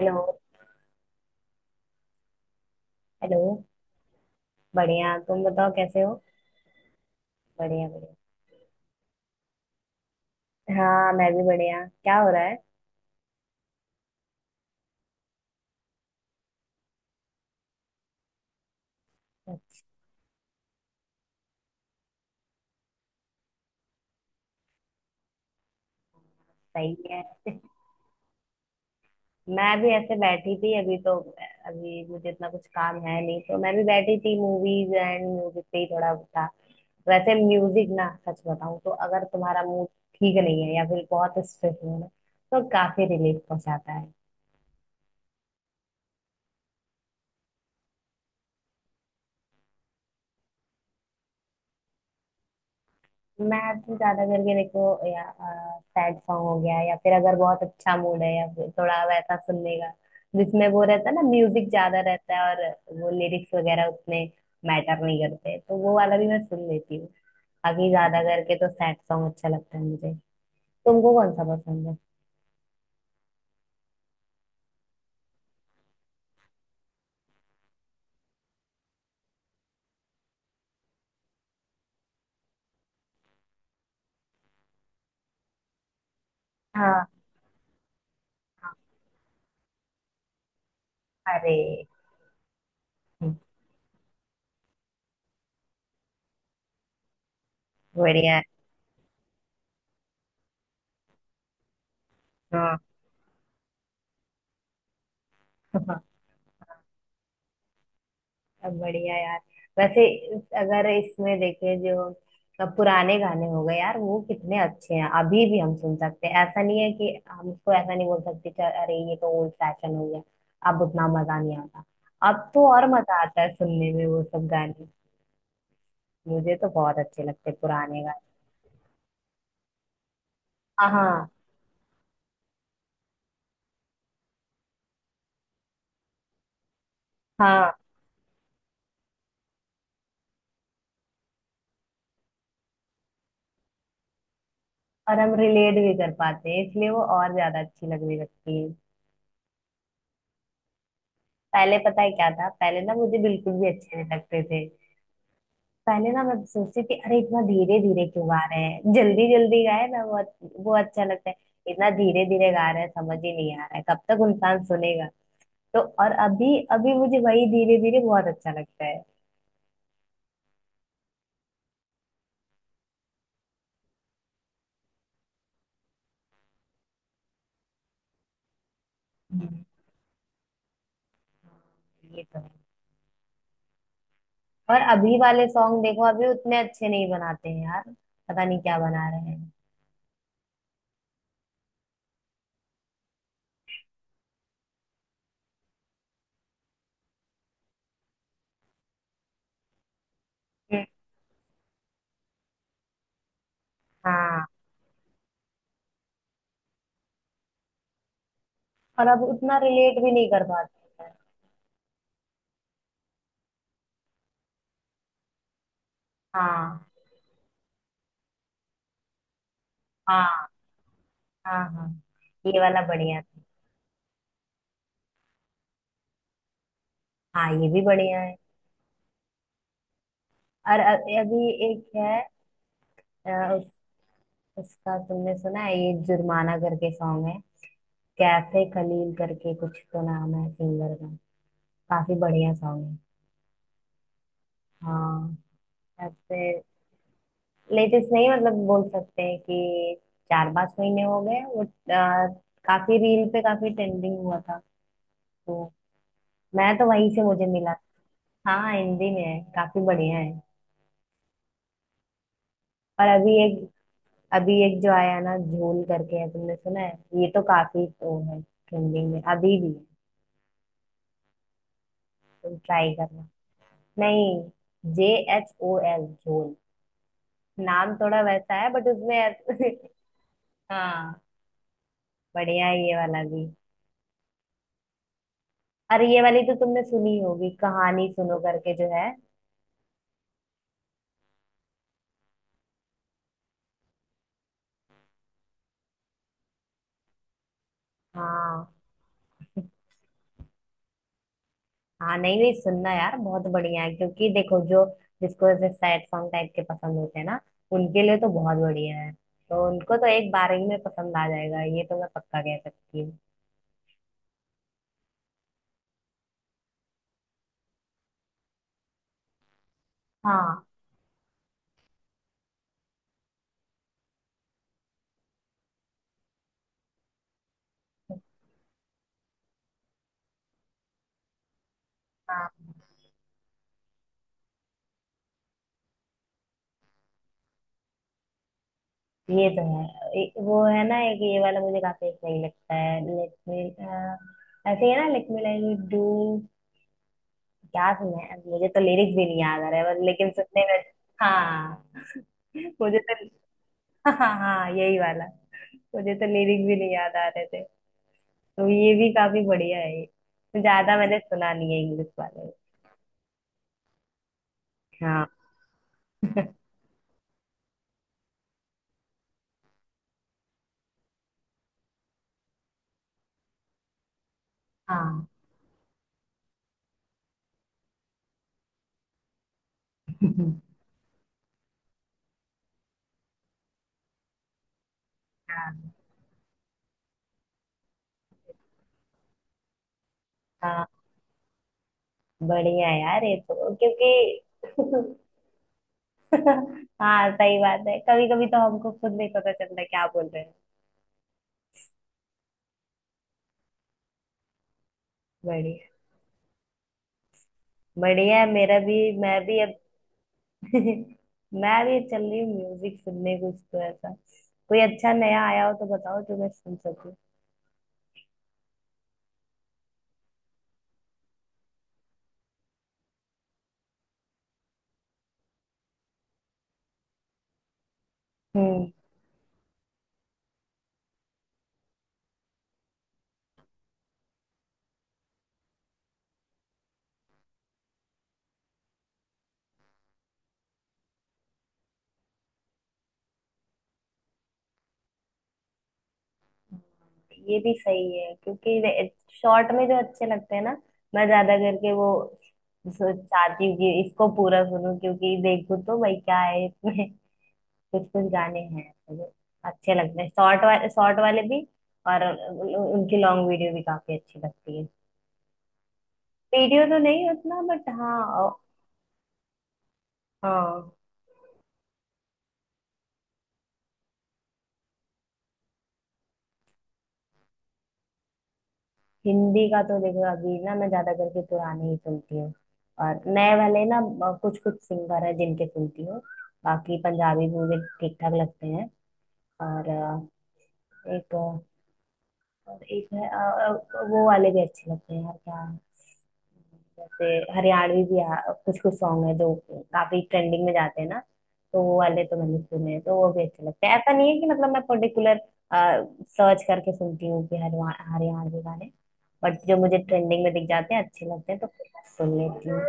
Hello. Hello. बढ़िया, तुम बताओ कैसे हो। बढ़िया बढ़िया। हाँ, मैं भी बढ़िया। क्या हो रहा है। सही है। मैं भी ऐसे बैठी थी अभी तो। अभी मुझे इतना कुछ काम है नहीं, तो मैं भी बैठी थी, मूवीज एंड म्यूजिक पे ही थोड़ा था। वैसे म्यूजिक ना, सच बताऊं तो अगर तुम्हारा मूड ठीक नहीं है या फिर बहुत स्ट्रेस हो ना, तो काफी रिलीफ पहुंचाता है। मैं तो ज्यादा करके देखो, या सैड सॉन्ग हो गया, या फिर अगर बहुत अच्छा मूड है, या फिर थोड़ा वैसा सुनने का जिसमें वो रहता है ना, म्यूजिक ज्यादा रहता है और वो लिरिक्स वगैरह उतने मैटर नहीं करते, तो वो वाला भी मैं सुन लेती हूँ। बाकी ज्यादा करके तो सैड सॉन्ग अच्छा लगता है मुझे। तुमको कौन सा पसंद है? हाँ। अरे, बढ़िया है। हाँ। सब बढ़िया यार। वैसे अगर इसमें देखें, जो अब पुराने गाने हो गए यार, वो कितने अच्छे हैं। अभी भी हम सुन सकते हैं, ऐसा नहीं है। कि हम उसको ऐसा नहीं बोल सकते कि अरे ये तो ओल्ड फैशन हो गया, अब उतना मजा नहीं आता। अब तो और मजा आता है सुनने में वो सब गाने। मुझे तो बहुत अच्छे लगते हैं पुराने गाने। हाँ हाँ हाँ। और हम रिलेट भी कर पाते हैं, इसलिए वो और ज्यादा अच्छी लगने लगती है। पहले पता है क्या था? पहले ना मुझे बिल्कुल भी अच्छे नहीं लगते थे। पहले ना मैं सोचती थी, अरे इतना धीरे धीरे क्यों गा रहे हैं, जल्दी जल्दी गाए ना, वो अच्छा लगता है। इतना धीरे धीरे गा रहे हैं, समझ ही नहीं आ रहा है, कब तक इंसान सुनेगा। तो और अभी अभी मुझे वही धीरे धीरे बहुत अच्छा लगता है। ये तो है। और अभी वाले सॉन्ग देखो, अभी उतने अच्छे नहीं बनाते हैं यार। पता नहीं क्या बना रहे हैं। हम्म। हाँ। और अब उतना रिलेट भी नहीं कर पाते हैं। हाँ हाँ हाँ हाँ। ये वाला बढ़िया था। हाँ, ये भी बढ़िया है। और अभी एक है। अ, उस, उसका तुमने सुना है, ये जुर्माना करके सॉन्ग है। कैफे खलील करके कुछ तो नाम है सिंगर का। काफी बढ़िया सॉन्ग है। हाँ। ऐसे। लेटेस्ट नहीं, मतलब बोल सकते हैं कि चार पांच महीने हो गए वो, काफी रील पे काफी ट्रेंडिंग हुआ था। तो मैं तो वहीं से मुझे मिला। हाँ, हिंदी में है, काफी बढ़िया है। और अभी एक, अभी एक जो आया ना झोल करके है, तुमने सुना है? ये तो काफी वो है, ट्रेंडिंग में अभी भी है। तुम ट्राई करना। नहीं। JHOL, झोल। नाम थोड़ा वैसा है, बट उसमें हाँ, बढ़िया है ये वाला भी। अरे ये वाली तो तुमने सुनी होगी, कहानी सुनो करके जो है। हाँ। हाँ, नहीं नहीं, सुनना यार, बहुत बढ़िया है, क्योंकि देखो जो जिसको ऐसे सैड सॉन्ग टाइप के पसंद होते हैं ना, उनके लिए तो बहुत बढ़िया है। तो उनको तो एक बार ही में पसंद आ जाएगा, ये तो मैं पक्का कह सकती हूँ। हाँ हाँ। ये तो है। वो है ना एक ये वाला मुझे काफी सही लगता है, लेट मी, ऐसे ही है ना, लेट मी लाइक डू क्या सुना है। मुझे तो लिरिक्स भी नहीं याद आ रहा है बस, लेकिन सुनने में। हाँ। मुझे तो हाँ हाँ हाँ, यही वाला। मुझे तो लिरिक्स भी नहीं याद आ रहे थे। तो ये भी काफी बढ़िया है ये। तो ज्यादा मैंने सुना नहीं है इंग्लिश वाले। हाँ। हाँ। हाँ। हाँ, बढ़िया है यार ये तो, क्योंकि हाँ, सही बात है, कभी कभी तो हमको खुद नहीं पता चलता क्या बोल रहे हैं। बढ़िया। बढ़िया है मेरा भी, मैं भी अब मैं भी चल रही हूँ म्यूजिक सुनने। कुछ तो ऐसा कोई अच्छा नया आया हो तो बताओ, जो मैं सुन सकूँ। हम्म। ये भी सही है, क्योंकि शॉर्ट में जो अच्छे लगते हैं ना, मैं ज्यादा करके वो चाहती हूँ कि इसको पूरा सुनूं, क्योंकि देखूं तो भाई क्या है इसमें। कुछ कुछ गाने हैं तो अच्छे लगते हैं, शॉर्ट वाले, शॉर्ट वाले भी और उनकी लॉन्ग वीडियो भी काफी अच्छी लगती है। वीडियो तो नहीं उतना, बट हाँ। अ- हाँ। हिंदी का तो देखो अभी ना, मैं ज्यादा करके पुराने ही सुनती हूँ। और नए वाले ना कुछ कुछ सिंगर है जिनके सुनती हूँ। बाकी पंजाबी मुझे ठीक ठाक लगते हैं। और अ, एक और एक है, वो वाले भी अच्छे लगते हैं यार क्या। जैसे हरियाणवी भी कुछ कुछ सॉन्ग है जो काफी ट्रेंडिंग में जाते हैं ना, तो वो वाले तो मैंने सुने हैं, तो वो भी अच्छे लगते हैं। ऐसा नहीं है कि मतलब मैं पर्टिकुलर सर्च करके सुनती हूँ कि हरियाणवी गाने, बट जो मुझे ट्रेंडिंग में दिख जाते हैं अच्छे लगते हैं तो सुन लेती हूँ।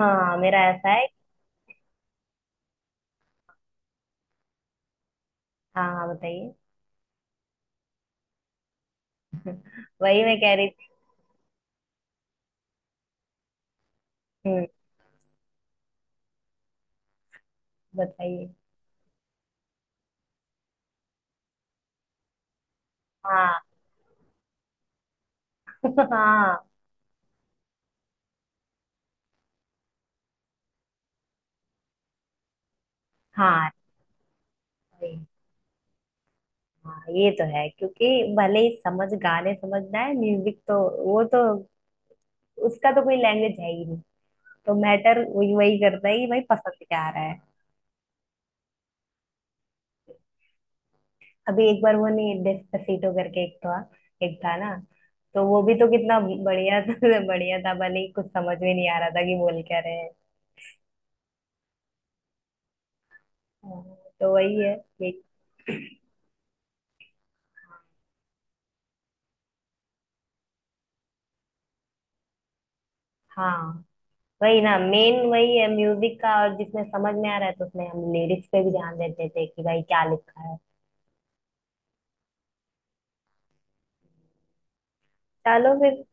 हाँ, मेरा ऐसा है। हाँ हाँ बताइए। वही मैं कह रही थी। हम्म, बताइए। हाँ। हाँ। हाँ, वही। हाँ ये तो है, क्योंकि भले ही समझ, गाने समझना है, म्यूजिक तो वो तो, उसका तो कोई लैंग्वेज है ही नहीं। तो मैटर वही वही करता है कि भाई पसंद क्या आ रहा है। अभी एक बार वो, नहीं, डेस्पासिटो करके एक था, एक था ना, तो वो भी तो कितना बढ़िया था। बढ़िया था, भले ही कुछ समझ में नहीं आ रहा था कि बोल क्या रहे हैं। हाँ, तो वही है। एक। हाँ, वही ना, मेन वही है म्यूजिक का, और जिसमें समझ में आ रहा है तो उसमें हम लिरिक्स पे भी ध्यान देते थे कि भाई क्या लिखा है। चलो फिर।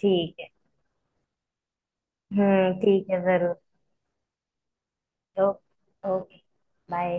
ठीक है। ठीक है, जरूर। ओ- ओके। बाय।